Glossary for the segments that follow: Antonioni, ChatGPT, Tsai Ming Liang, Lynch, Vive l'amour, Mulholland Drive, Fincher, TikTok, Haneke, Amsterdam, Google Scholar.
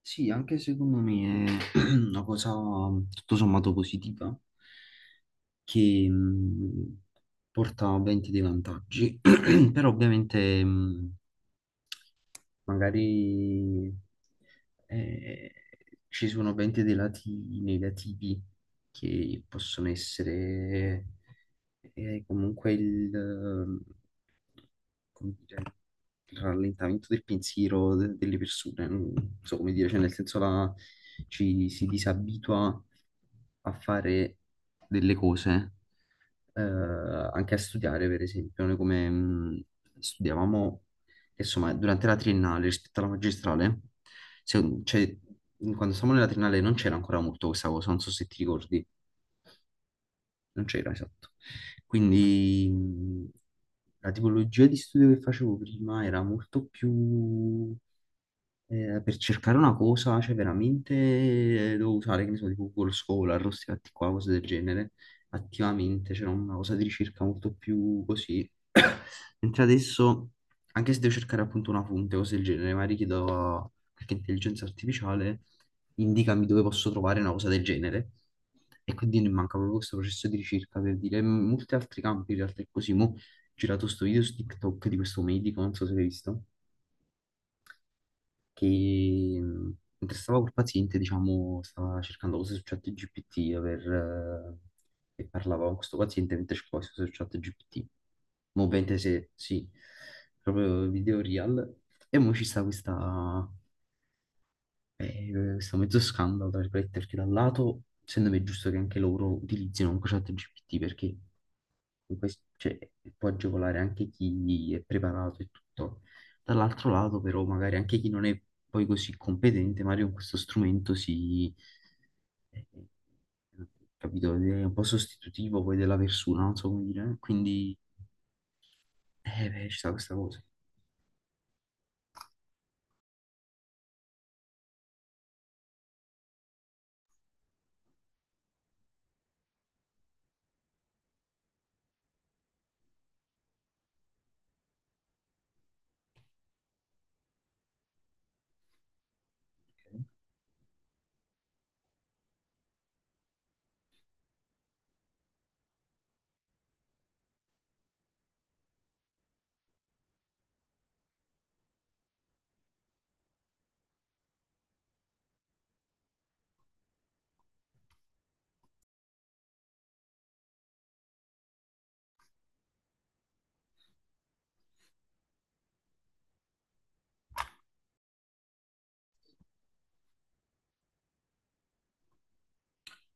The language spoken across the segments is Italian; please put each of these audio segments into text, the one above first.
Sì, anche secondo me è una cosa tutto sommato positiva che porta ovviamente dei vantaggi, però ovviamente magari eh, ci sono 20 dei lati negativi che possono essere comunque come dire, il rallentamento del pensiero delle persone, non so come dire, cioè nel senso ci si disabitua a fare delle cose eh, anche a studiare, per esempio, noi come studiavamo, insomma, durante la triennale rispetto alla magistrale, cioè, quando stavamo nella triennale non c'era ancora molto questa cosa, non so se ti ricordi, non c'era esatto. Quindi la tipologia di studio che facevo prima era molto più per cercare una cosa, cioè veramente devo usare, che ne so, tipo Google Scholar, questi fatti qua, cose del genere, attivamente, c'era una cosa di ricerca molto più così. Mentre adesso, anche se devo cercare appunto una fonte, cose del genere, magari chiedo a qualche intelligenza artificiale, indicami dove posso trovare una cosa del genere. E quindi mi manca proprio questo processo di ricerca per dire in molti altri campi, in realtà è così. Mo' ho girato sto video su TikTok di questo medico, non so se l'hai visto che mentre stavo col paziente, diciamo, stava cercando cose su ChatGPT per, e parlava con questo paziente mentre cercava cose su ChatGPT. Mo' ovviamente se, sì, proprio video real. E mo' ci sta eh, questo mezzo scandalo, tra virgolette, perché da un lato, secondo me è giusto che anche loro utilizzino comunque ChatGPT perché questo, cioè, può agevolare anche chi è preparato e tutto. Dall'altro lato, però, magari anche chi non è poi così competente, magari con questo strumento si... eh, capito? È un po' sostitutivo poi della persona, non so come dire. Quindi, beh, ci sta questa cosa.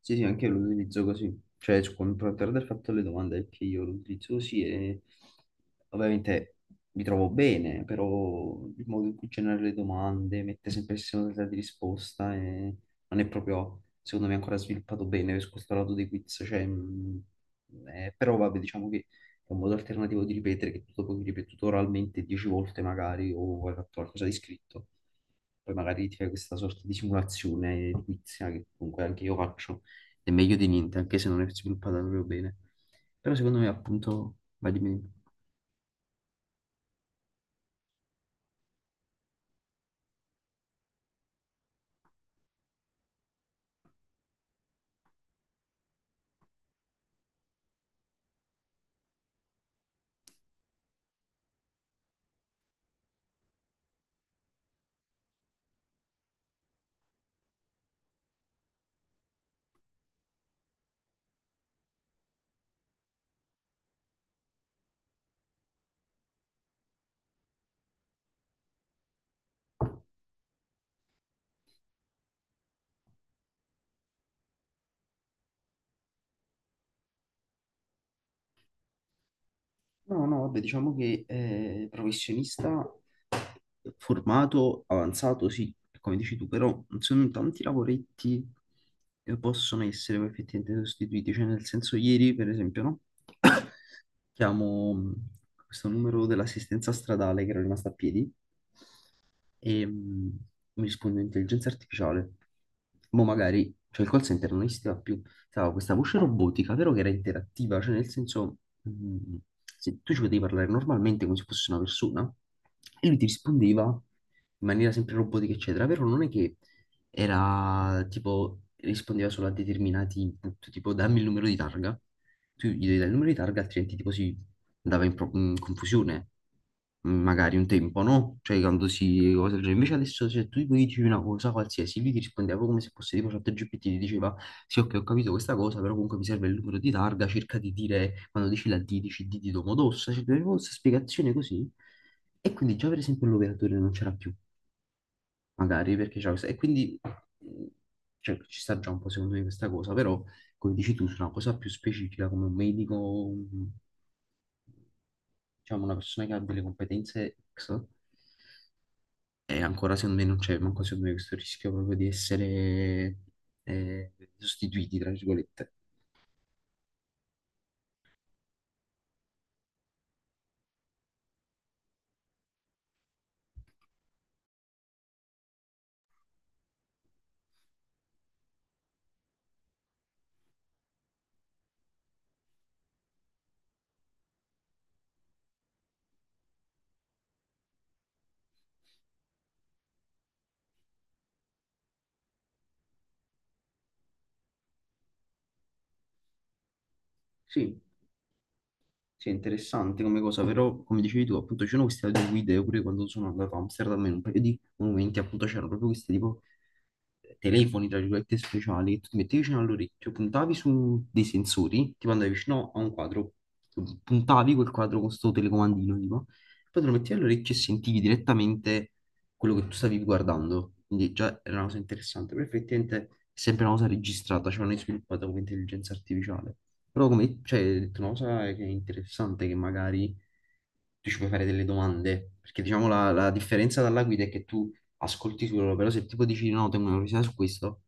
Sì, sì, anche io lo utilizzo così. Cioè, per aver fatto le domande, è che io lo utilizzo così e ovviamente mi trovo bene, però il modo in cui genera le domande mette sempre il segno della di risposta e non è proprio, secondo me, ancora sviluppato bene su questo lato dei quiz. Cioè, però vabbè, diciamo che è un modo alternativo di ripetere che tu dopo hai ripetuto oralmente 10 volte magari o hai fatto qualcosa di scritto poi magari ti fai questa sorta di simulazione edilizia che comunque anche io faccio, è meglio di niente, anche se non è sviluppata proprio bene. Però secondo me appunto, va di meno. No, no, vabbè, diciamo che professionista formato, avanzato, sì, come dici tu, però non sono tanti lavoretti che possono essere poi effettivamente sostituiti, cioè nel senso ieri per esempio, no? chiamo questo numero dell'assistenza stradale che era rimasto a piedi e mi risponde intelligenza artificiale. Mo' magari, cioè il call center non esisteva più, stava questa voce robotica, vero che era interattiva, cioè nel senso, se tu ci potevi parlare normalmente come se fosse una persona e lui ti rispondeva in maniera sempre robotica, eccetera, vero? Non è che era tipo rispondeva solo a determinati input, tipo dammi il numero di targa tu gli devi dare il numero di targa, altrimenti tipo si andava in, in confusione, magari un tempo, no? Cioè quando si... cose del genere. Invece adesso se tu gli dici una cosa qualsiasi, lui ti rispondeva proprio come se fosse tipo ChatGPT, ti diceva sì ok ho capito questa cosa, però comunque mi serve il numero di targa, cerca di dire, quando dici la D, dici D di Domodossa, cioè avevo questa spiegazione così. E quindi già per esempio l'operatore non c'era più, magari, perché c'era questa... E quindi mm, cioè, ci sta già un po' secondo me questa cosa, però come dici tu, su una cosa più specifica come un medico, un diciamo, una persona che ha delle competenze X e ancora secondo me non c'è manco secondo me questo rischio proprio di essere sostituiti, tra virgolette. Sì, sì, è interessante come cosa, però come dicevi tu, appunto c'erano queste guide pure quando sono andato a Amsterdam in un paio di momenti, appunto c'erano proprio questi tipo telefoni, tra virgolette, speciali, che tu ti mettevi vicino all'orecchio, puntavi su dei sensori, tipo andavi vicino a un quadro, tu puntavi quel quadro con sto telecomandino, tipo, poi te lo mettevi all'orecchio e sentivi direttamente quello che tu stavi guardando, quindi già era una cosa interessante, però effettivamente è sempre una cosa registrata, cioè non è sviluppata come intelligenza artificiale. Però come, cioè, hai detto una cosa che è interessante, che magari tu ci puoi fare delle domande, perché diciamo la differenza dalla guida è che tu ascolti solo, però se tipo dici no, tengo una curiosità su questo,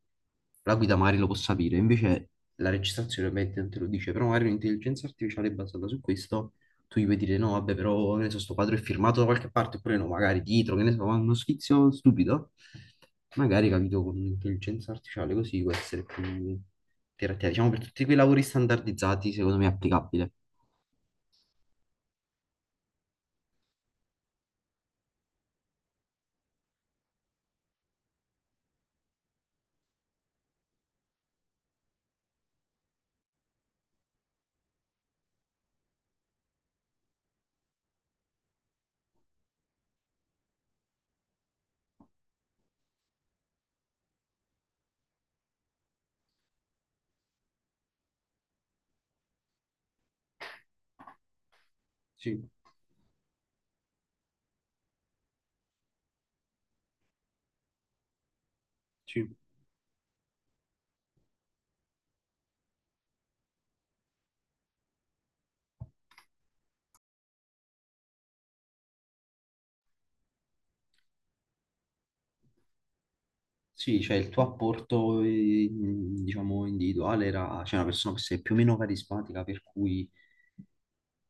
la guida magari lo può sapere, invece la registrazione ovviamente non te lo dice, però magari un'intelligenza artificiale basata su questo tu gli puoi dire no, vabbè, però che ne so, sto quadro è firmato da qualche parte, oppure no, magari dietro, che ne so, ma uno sfizio stupido. Magari, capito, con l'intelligenza artificiale così può essere più interattiva. Diciamo, per tutti quei lavori standardizzati, secondo me è applicabile. Sì, sì. Sì, cioè il tuo apporto, diciamo, individuale era, cioè una persona che sei più o meno carismatica, per cui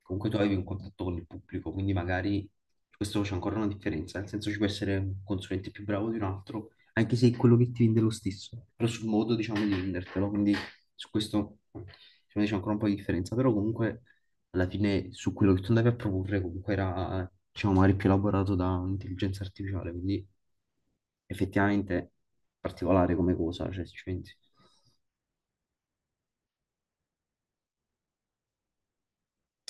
comunque tu avevi un contatto con il pubblico, quindi magari questo c'è ancora una differenza, nel senso ci può essere un consulente più bravo di un altro, anche se quello che ti vende è lo stesso, però sul modo diciamo di vendertelo, quindi su questo secondo me c'è ancora un po' di differenza, però comunque alla fine su quello che tu andavi a proporre comunque era diciamo magari più elaborato da un'intelligenza artificiale, quindi effettivamente particolare come cosa, cioè se ci pensi.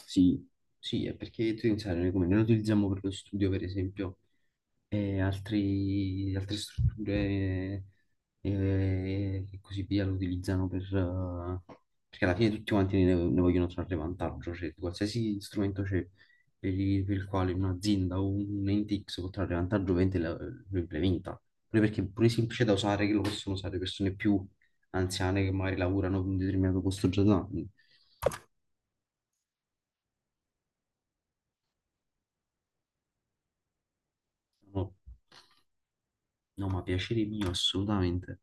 Sì, sì, è perché tu devi pensare, noi come noi lo utilizziamo per lo studio, per esempio, e altre strutture e così via lo utilizzano per... perché alla fine tutti quanti ne vogliono trarre vantaggio, cioè qualsiasi strumento c'è per per il quale un'azienda o un ente X può trarre vantaggio, ovviamente lo implementa. Pure perché pure è semplice da usare, che lo possono usare persone più anziane che magari lavorano in un determinato posto già da anni. No, no, ma piacere mio, assolutamente.